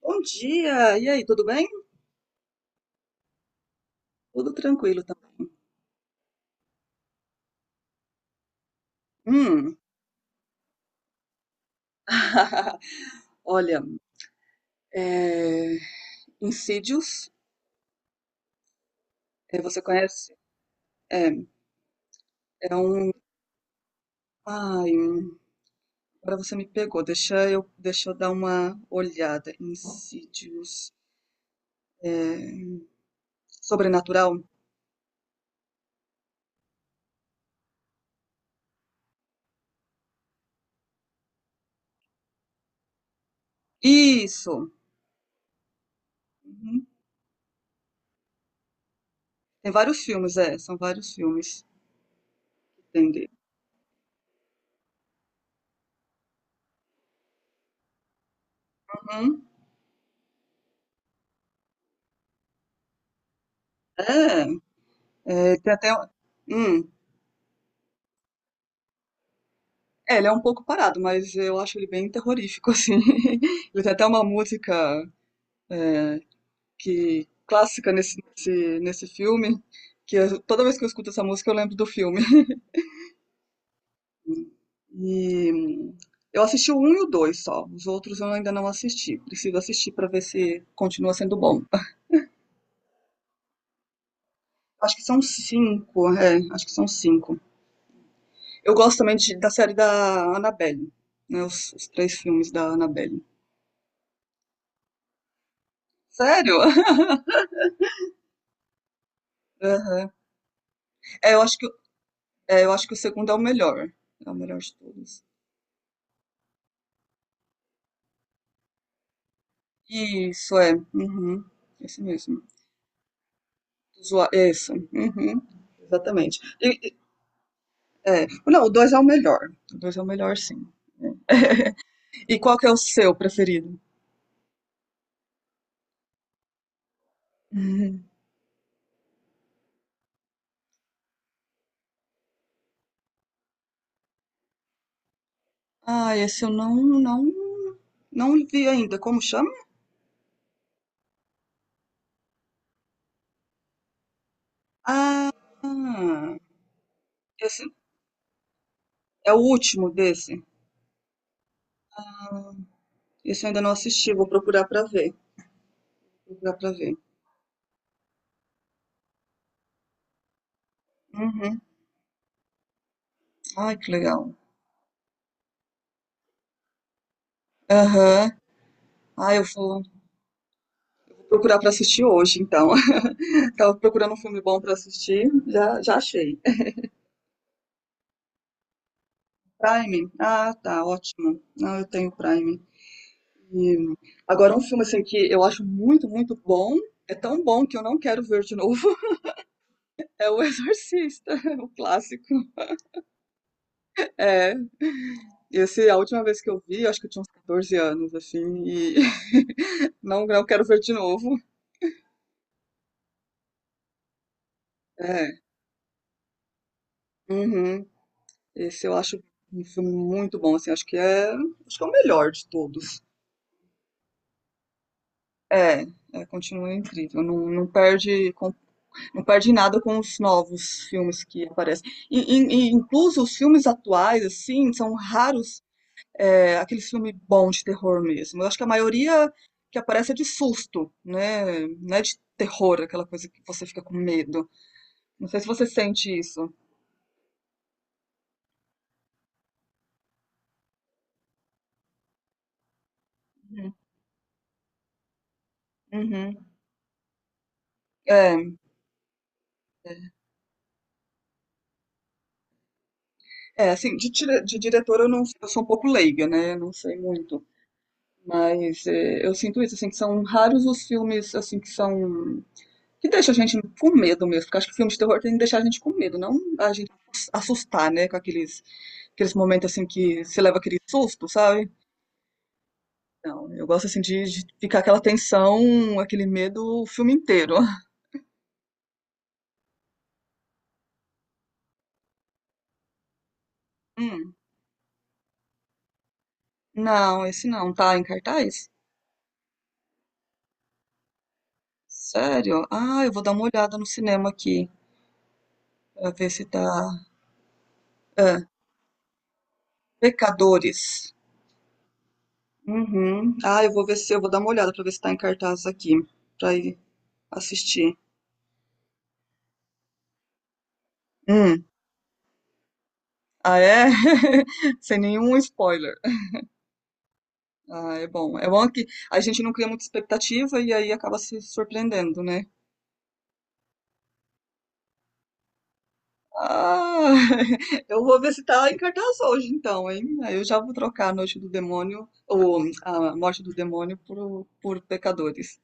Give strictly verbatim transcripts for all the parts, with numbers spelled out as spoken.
Bom dia! E aí, tudo bem? Tudo tranquilo também. Hum. Olha, é... Insidious, é, você conhece? É, é um. Ai, agora você me pegou. Deixa eu, deixa eu dar uma olhada. Insidious. É... Sobrenatural? Isso! Uhum. Tem vários filmes, é, são vários filmes. Entendi. Uhum. É, é, tem até um. Hum. É, ele é um pouco parado, mas eu acho ele bem terrorífico, assim. Ele tem até uma música é, que clássica nesse, nesse, nesse filme, que eu- toda vez que eu escuto essa música eu lembro do filme. E hum, eu assisti o um e o dois só, os outros eu ainda não assisti. Preciso assistir para ver se continua sendo bom. Acho que são cinco, é, acho que são cinco. Eu gosto também de- da série da Annabelle, né, os, os três filmes da Annabelle. Sério? Aham. É, eu acho que É, eu acho que o segundo é o melhor. É o melhor de todos. Isso, é. Uhum. Esse mesmo. Zoa- Isso. Uhum. Exatamente. E- e- é. Não, o dois é o melhor. O dois é o melhor, sim. E qual que é o seu preferido? Uhum. Ah, esse eu não, não, não vi ainda. Como chama? Ah, esse é o último desse. Esse eu ainda não assisti. Vou procurar pra ver. Procurar pra ver. Uhum. Ai, que legal. Aham. Ah, eu vou procurar para assistir hoje, então. Tava procurando um filme bom para assistir, já, já achei. Prime? Ah, tá, ótimo. Não, eu tenho Prime. E agora um filme assim que eu acho muito, muito bom. É tão bom que eu não quero ver de novo. É O Exorcista, o clássico. É, esse é a última vez que eu vi, acho que eu tinha uns catorze anos, assim, e não, não quero ver de novo. É, uhum. Esse eu acho um filme muito bom, assim, acho que é, acho que é o melhor de todos. É, é, continua incrível. Não, não perde, com- não perde nada com os novos filmes que aparecem. E, e- e incluso os filmes atuais, assim, são raros é, aqueles filmes bons de terror mesmo. Eu acho que a maioria que aparece é de susto, né? Não é de terror, aquela coisa que você fica com medo. Não sei se você sente isso. Uhum. Uhum. É, é, assim, de, dire- de diretor eu não, eu sou um pouco leiga, né? Não sei muito. Mas eh, eu sinto isso, assim, que são raros os filmes, assim, que são... que deixam a gente com medo mesmo, porque acho que filme de terror tem que deixar a gente com medo, não a gente assustar, né, com aqueles, aqueles momentos, assim, que você leva aquele susto, sabe? Não, eu gosto, assim, de, de ficar aquela tensão, aquele medo o filme inteiro. Hum, não, esse não, tá em cartaz? Sério? Ah, eu vou dar uma olhada no cinema aqui, pra ver se tá. Ah, Pecadores. Uhum. Ah, eu vou ver se eu vou dar uma olhada pra ver se tá em cartaz aqui, pra ir assistir. Hum. Ah, é? Sem nenhum spoiler. Ah, é bom. É bom que a gente não cria muita expectativa e aí acaba se surpreendendo, né? Ah, eu vou ver se tá em cartaz hoje, então, hein? Aí eu já vou trocar a Noite do Demônio, ou a Morte do Demônio, por, por Pecadores.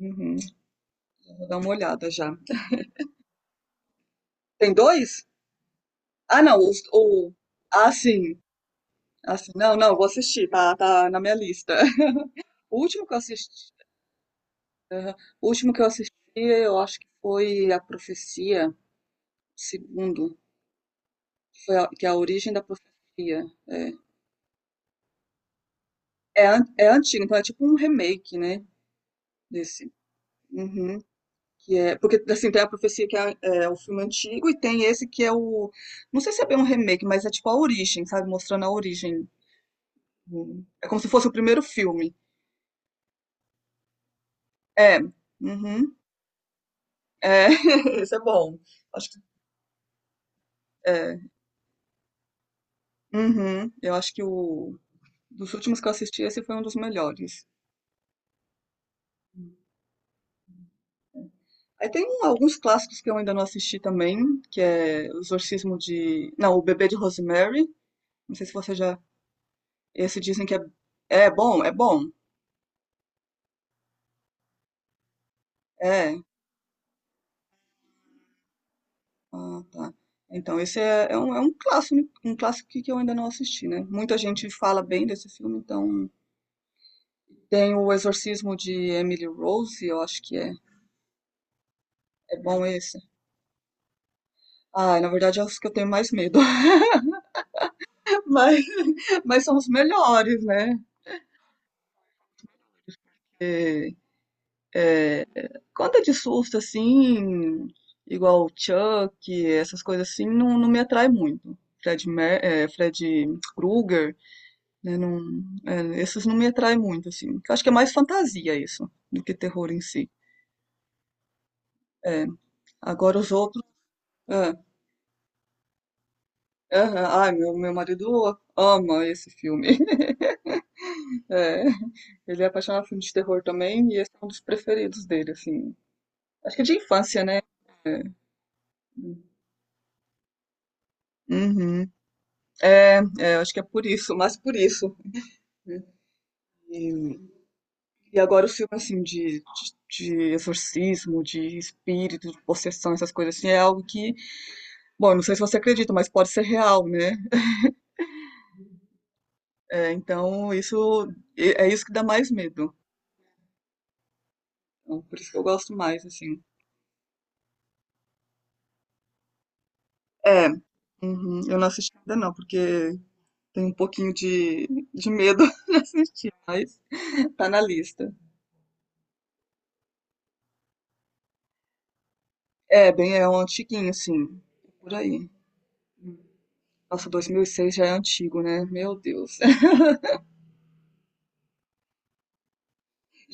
Uhum. Vou dar uma olhada já. Tem dois? Ah, não. Os, o... Ah, sim. Assim, não, não, vou assistir, tá, tá na minha lista. O último que eu assisti, aham, o último que eu assisti, eu acho que foi A Profecia, segundo, que foi a, que é a origem da profecia. É, é, an- é antigo, então é tipo um remake, né, desse. Uhum, que é, porque, assim, tem A Profecia, que é, é o filme antigo, e tem esse que é o, não sei se é bem um remake, mas é tipo a origem, sabe, mostrando a origem. Uhum. É como se fosse o primeiro filme. É, uhum, é, esse é bom. Acho que é. Uhum. Eu acho que o dos últimos que eu assisti, esse foi um dos melhores. Aí tem um- alguns clássicos que eu ainda não assisti também, que é O Exorcismo de... Não, O Bebê de Rosemary. Não sei se você já... Esse dizem que é... É bom, é bom. É. Ah, tá. Então esse é, é um, é um clássico, um clássico que que eu ainda não assisti, né? Muita gente fala bem desse filme, então. Tem O Exorcismo de Emily Rose, eu acho que é. É bom esse. Ah, na verdade é os que eu tenho mais medo. Mas, mas são os melhores, né? é, é, conta de susto, assim, igual Chuck, essas coisas assim, não, não me atrai muito. Fred, Mer, é, Fred Krueger, né, não, é, esses não me atraem muito, assim. Eu acho que é mais fantasia isso, do que terror em si. É, agora os outros. É, é, ai, meu, meu marido ama esse filme. É, ele é apaixonado por filme de terror também, e esse é um dos preferidos dele, assim. Acho que é de infância, né? É. Uhum. É, é, acho que é por isso, mas por isso, né? E, e agora o filme, assim, de, de, de exorcismo, de espírito, de possessão, essas coisas assim, é algo que, bom, eu não sei se você acredita, mas pode ser real, né? É, então, isso é é isso que dá mais medo. Então, por isso que eu gosto mais, assim. É, uhum, eu não assisti ainda não, porque tem um pouquinho de, de medo de assistir, mas tá na lista. É, bem, é um antiguinho, assim, por aí. Nossa, dois mil e seis já é antigo, né? Meu Deus.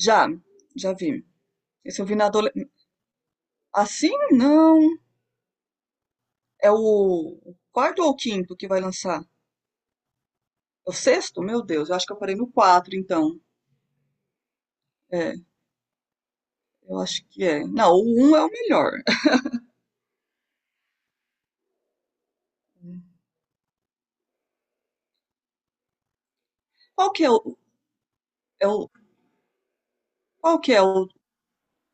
Já, já vi. Esse eu vi na adolescência. Assim, não. É o quarto ou o quinto que vai lançar? É o sexto? Meu Deus, eu acho que eu parei no quatro, então. É, eu acho que é. Não, o um é o melhor. Qual que é o... É o... Qual que é o...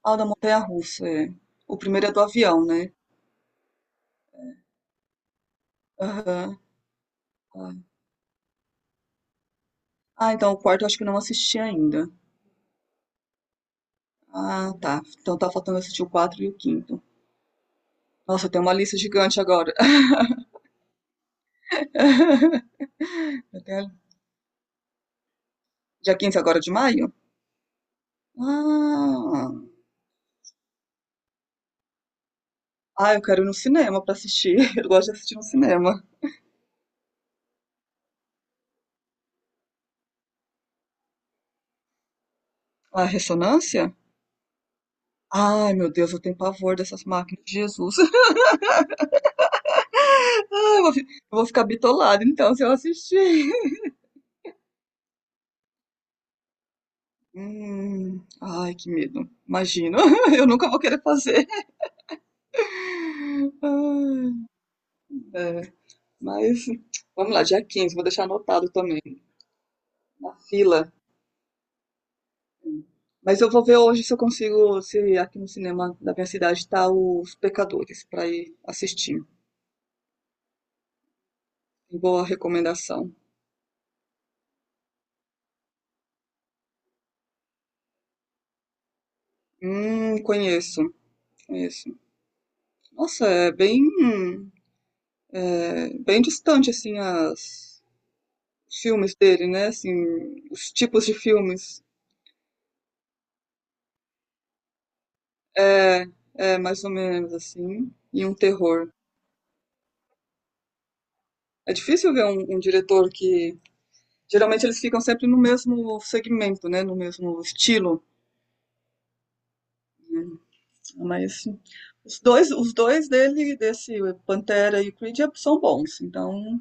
Ah, o da montanha-russa, é. O primeiro é do avião, né? Aham. Tá. Ah, então o quarto eu acho que eu não assisti ainda. Ah, tá. Então tá faltando assistir o quatro e o quinto. Nossa, tem uma lista gigante agora. Legal. Dia quinze agora de maio? Ah, ah, eu quero ir no cinema pra assistir. Eu gosto de assistir no cinema. Ah, ressonância? Ai, meu Deus, eu tenho pavor dessas máquinas. Jesus. Ah, eu vou, fi- eu vou ficar bitolada então se eu assistir. Hum, ai, que medo. Imagino. Eu nunca vou querer fazer. Ai, é, mas vamos lá, dia quinze vou deixar anotado também. Na fila. Mas eu vou ver hoje se eu consigo, se aqui no cinema da minha cidade está Os Pecadores, para ir assistir. Boa recomendação. Hum, conheço, conheço. Nossa, é bem, é, bem distante, assim, as, os filmes dele, né? Assim, os tipos de filmes. É, é, mais ou menos, assim. E um terror. É difícil ver um, um diretor que. Geralmente eles ficam sempre no mesmo segmento, né? No mesmo estilo, né? Mas os dois, os dois dele, desse Pantera e Creed, são bons. Então,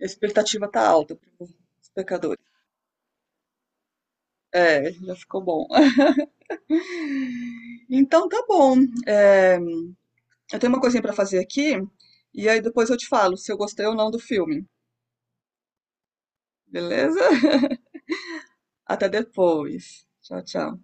a expectativa tá alta para os pecadores. É, já ficou bom. Então tá bom. É, eu tenho uma coisinha para fazer aqui e aí depois eu te falo se eu gostei ou não do filme. Beleza? Até depois. Tchau, tchau.